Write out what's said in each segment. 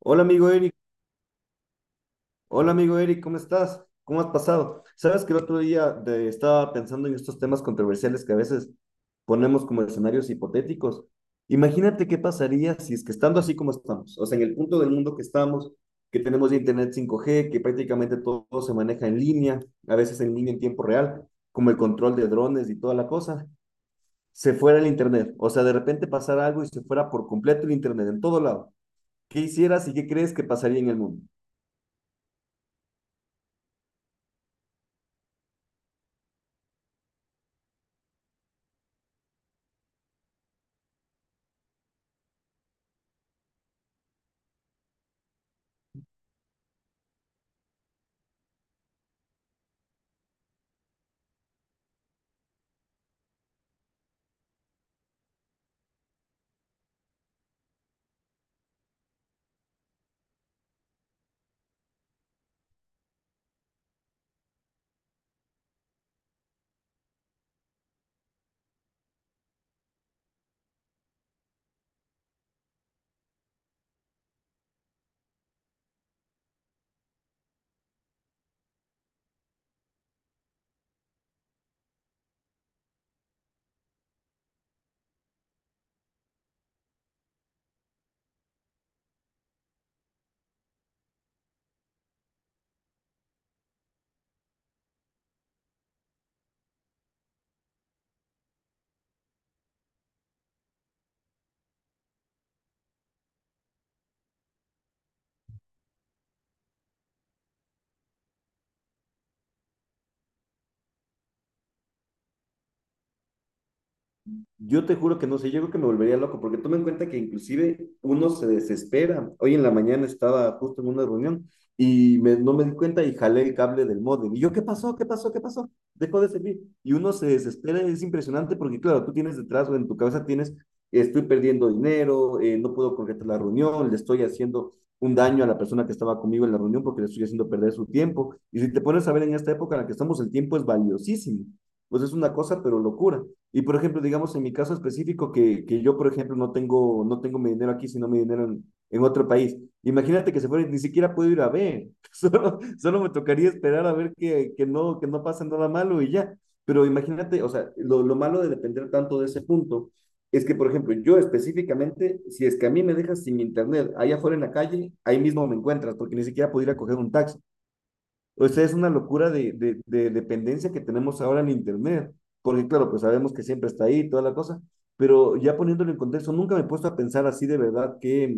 Hola amigo Eric, hola amigo Eric, ¿cómo estás? ¿Cómo has pasado? Sabes que el otro día estaba pensando en estos temas controversiales que a veces ponemos como escenarios hipotéticos. Imagínate qué pasaría si es que estando así como estamos, o sea, en el punto del mundo que estamos, que tenemos ya internet 5G, que prácticamente todo, se maneja en línea, a veces en línea en tiempo real, como el control de drones y toda la cosa, se fuera el internet, o sea, de repente pasara algo y se fuera por completo el internet en todo lado. ¿Qué hicieras y qué crees que pasaría en el mundo? Yo te juro que no sé, yo creo que me volvería loco, porque toma en cuenta que inclusive uno se desespera. Hoy en la mañana estaba justo en una reunión y no me di cuenta y jalé el cable del módem. Y yo, ¿qué pasó? ¿Qué pasó? ¿Qué pasó? Dejó de servir. Y uno se desespera, es impresionante porque, claro, tú tienes detrás o en tu cabeza tienes, estoy perdiendo dinero, no puedo concretar la reunión, le estoy haciendo un daño a la persona que estaba conmigo en la reunión porque le estoy haciendo perder su tiempo. Y si te pones a ver en esta época en la que estamos, el tiempo es valiosísimo. Pues es una cosa, pero locura. Y por ejemplo, digamos en mi caso específico, que, yo, por ejemplo, no tengo mi dinero aquí, sino mi dinero en otro país. Imagínate que se fuera, y ni siquiera puedo ir a ver. Solo, solo me tocaría esperar a ver no, que no pasa nada malo y ya. Pero imagínate, o sea, lo malo de depender tanto de ese punto es que, por ejemplo, yo específicamente, si es que a mí me dejas sin internet allá afuera en la calle, ahí mismo me encuentras, porque ni siquiera puedo ir a coger un taxi. O sea, es una locura de dependencia que tenemos ahora en internet, porque claro, pues sabemos que siempre está ahí, toda la cosa, pero ya poniéndolo en contexto, nunca me he puesto a pensar así de verdad que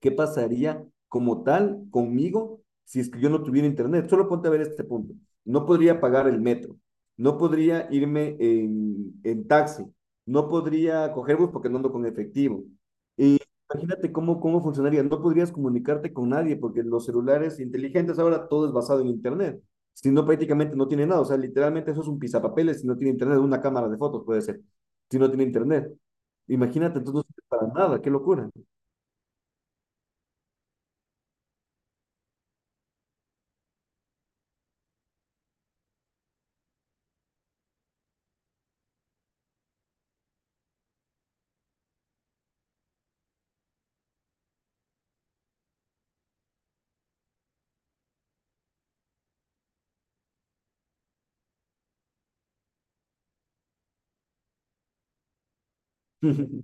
qué pasaría como tal conmigo si es que yo no tuviera internet. Solo ponte a ver este punto. No podría pagar el metro, no podría irme en taxi, no podría coger bus porque no ando con efectivo. Y imagínate cómo funcionaría. No podrías comunicarte con nadie porque los celulares inteligentes ahora todo es basado en internet. Si no, prácticamente no tiene nada. O sea, literalmente eso es un pisapapeles si no tiene internet, una cámara de fotos puede ser. Si no tiene internet. Imagínate, entonces no sirve para nada, qué locura.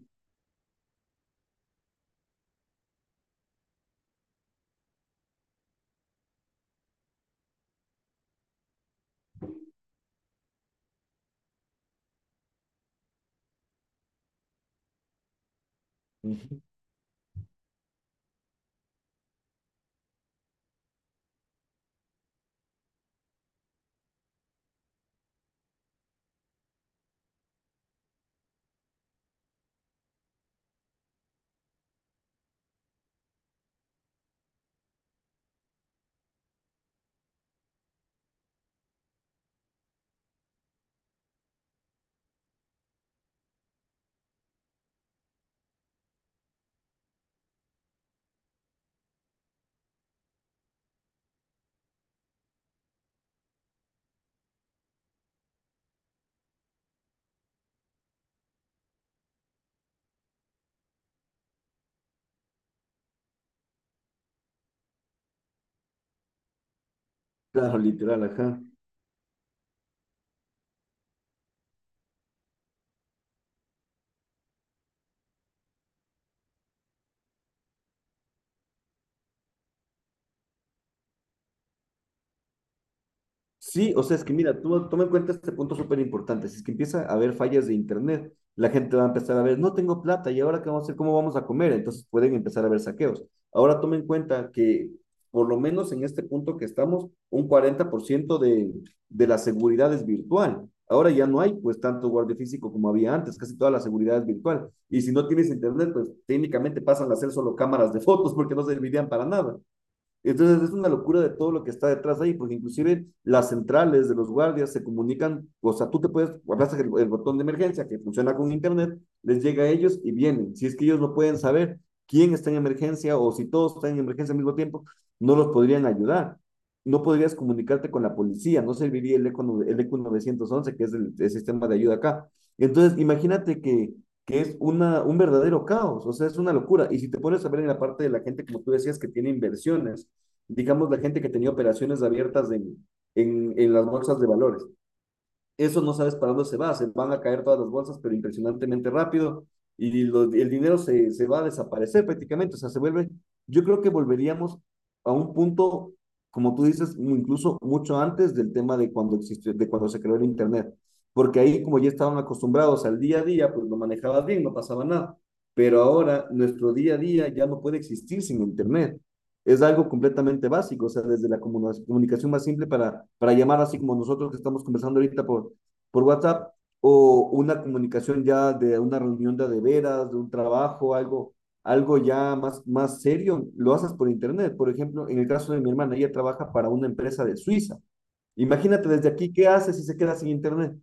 Claro, literal, ajá. Sí, o sea, es que mira, tú toma en cuenta este punto súper importante. Si es que empieza a haber fallas de internet, la gente va a empezar a ver, no tengo plata, ¿y ahora qué vamos a hacer? ¿Cómo vamos a comer? Entonces pueden empezar a haber saqueos. Ahora toma en cuenta que, por lo menos en este punto que estamos, un 40% de la seguridad es virtual. Ahora ya no hay pues tanto guardia físico como había antes, casi toda la seguridad es virtual. Y si no tienes internet, pues técnicamente pasan a ser solo cámaras de fotos porque no servirían para nada. Entonces es una locura de todo lo que está detrás ahí, porque inclusive las centrales de los guardias se comunican, o sea, tú te puedes, abrazas el botón de emergencia que funciona con internet, les llega a ellos y vienen. Si es que ellos no pueden saber quién está en emergencia o si todos están en emergencia al mismo tiempo, no los podrían ayudar. No podrías comunicarte con la policía, no serviría el ECO 911, que es el sistema de ayuda acá. Entonces, imagínate que es una, un verdadero caos, o sea, es una locura. Y si te pones a ver en la parte de la gente, como tú decías, que tiene inversiones, digamos, la gente que tenía operaciones abiertas en, en las bolsas de valores. Eso no sabes para dónde se va, se van a caer todas las bolsas, pero impresionantemente rápido, y lo- el dinero se va a desaparecer prácticamente, o sea, se vuelve, yo creo que volveríamos a un punto, como tú dices, incluso mucho antes del tema de cuando existió, de cuando se creó el internet, porque ahí como ya estaban acostumbrados al día a día, pues lo manejabas bien, no pasaba nada. Pero ahora nuestro día a día ya no puede existir sin internet, es algo completamente básico, o sea, desde la comunicación más simple para llamar así como nosotros que estamos conversando ahorita por WhatsApp, o una comunicación ya de una reunión de, a de veras, de un trabajo, algo, algo ya más, más serio, lo haces por internet. Por ejemplo, en el caso de mi hermana, ella trabaja para una empresa de Suiza. Imagínate desde aquí, ¿qué hace si se queda sin internet?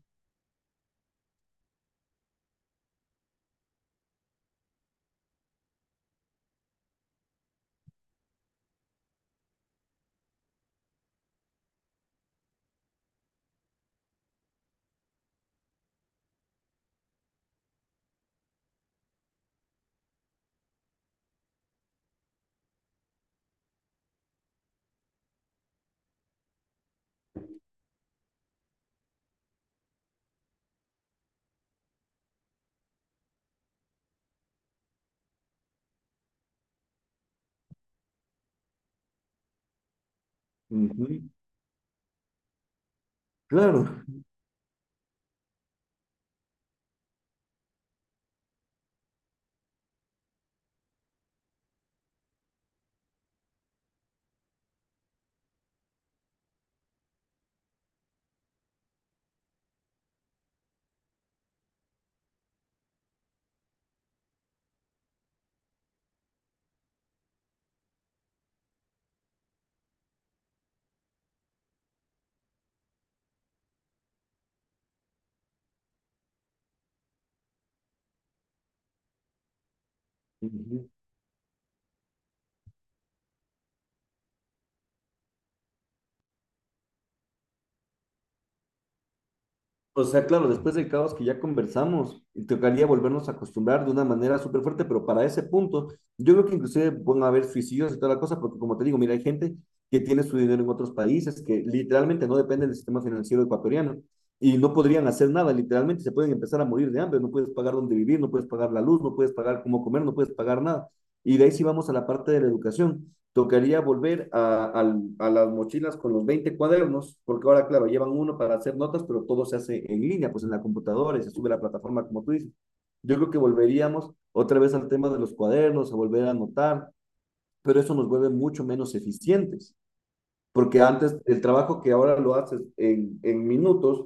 Uh -huh, claro. Uh -huh. O sea, claro, después del caos que ya conversamos, tocaría volvernos a acostumbrar de una manera súper fuerte, pero para ese punto, yo creo que inclusive van a haber suicidios y toda la cosa, porque como te digo, mira, hay gente que tiene su dinero en otros países, que literalmente no dependen del sistema financiero ecuatoriano y no podrían hacer nada, literalmente se pueden empezar a morir de hambre, no puedes pagar dónde vivir, no puedes pagar la luz, no puedes pagar cómo comer, no puedes pagar nada. Y de ahí sí vamos a la parte de la educación, tocaría volver a las mochilas con los 20 cuadernos, porque ahora, claro, llevan uno para hacer notas, pero todo se hace en línea, pues en la computadora y se sube a la plataforma, como tú dices. Yo creo que volveríamos otra vez al tema de los cuadernos, a volver a anotar, pero eso nos vuelve mucho menos eficientes. Porque antes el trabajo que ahora lo haces en minutos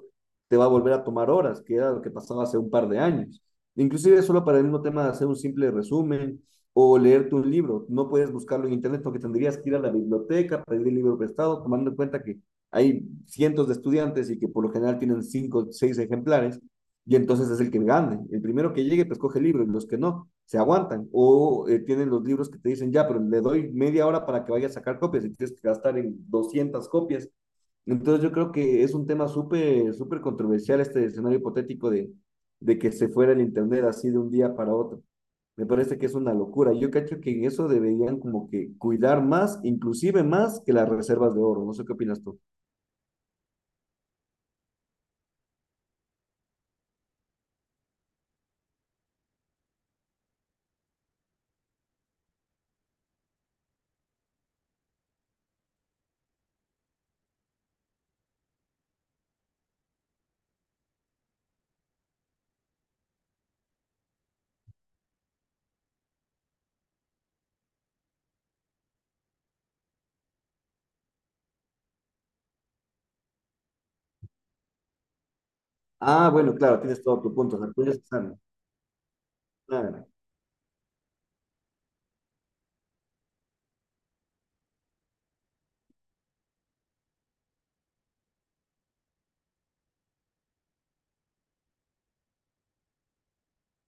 te va a volver a tomar horas, que era lo que pasaba hace un par de años. Inclusive solo para el mismo tema de hacer un simple resumen o leerte un libro. No puedes buscarlo en internet porque tendrías que ir a la biblioteca, pedir el libro prestado, tomando en cuenta que hay cientos de estudiantes y que por lo general tienen cinco o seis ejemplares y entonces es el que gane. El primero que llegue, pues coge el libro, y los que no, se aguantan. O tienen los libros que te dicen, ya, pero le doy media hora para que vaya a sacar copias y tienes que gastar en 200 copias. Entonces yo creo que es un tema súper, súper controversial este escenario hipotético de que se fuera el internet así de un día para otro. Me parece que es una locura. Yo cacho que en eso deberían como que cuidar más, inclusive más que las reservas de oro. No sé qué opinas tú. Ah, bueno, claro, tienes todo tu punto. Las puedes usar. Claro.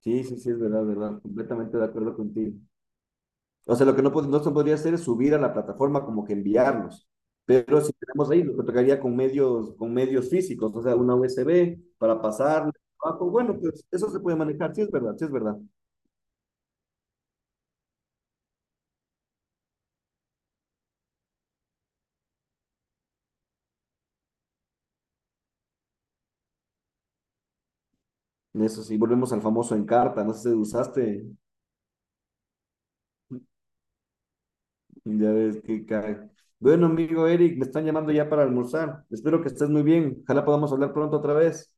Sí, sí, sí, es verdad, verdad. Completamente de acuerdo contigo. O sea, lo que no se podría hacer es subir a la plataforma como que enviarlos. Pero si tenemos ahí, lo que tocaría con medios físicos, o sea, una USB para pasar abajo. Bueno, pues eso se puede manejar, sí es verdad, sí es verdad. Eso sí, volvemos al famoso Encarta, no sé si usaste, ya ves que cae. Bueno, amigo Eric, me están llamando ya para almorzar. Espero que estés muy bien. Ojalá podamos hablar pronto otra vez.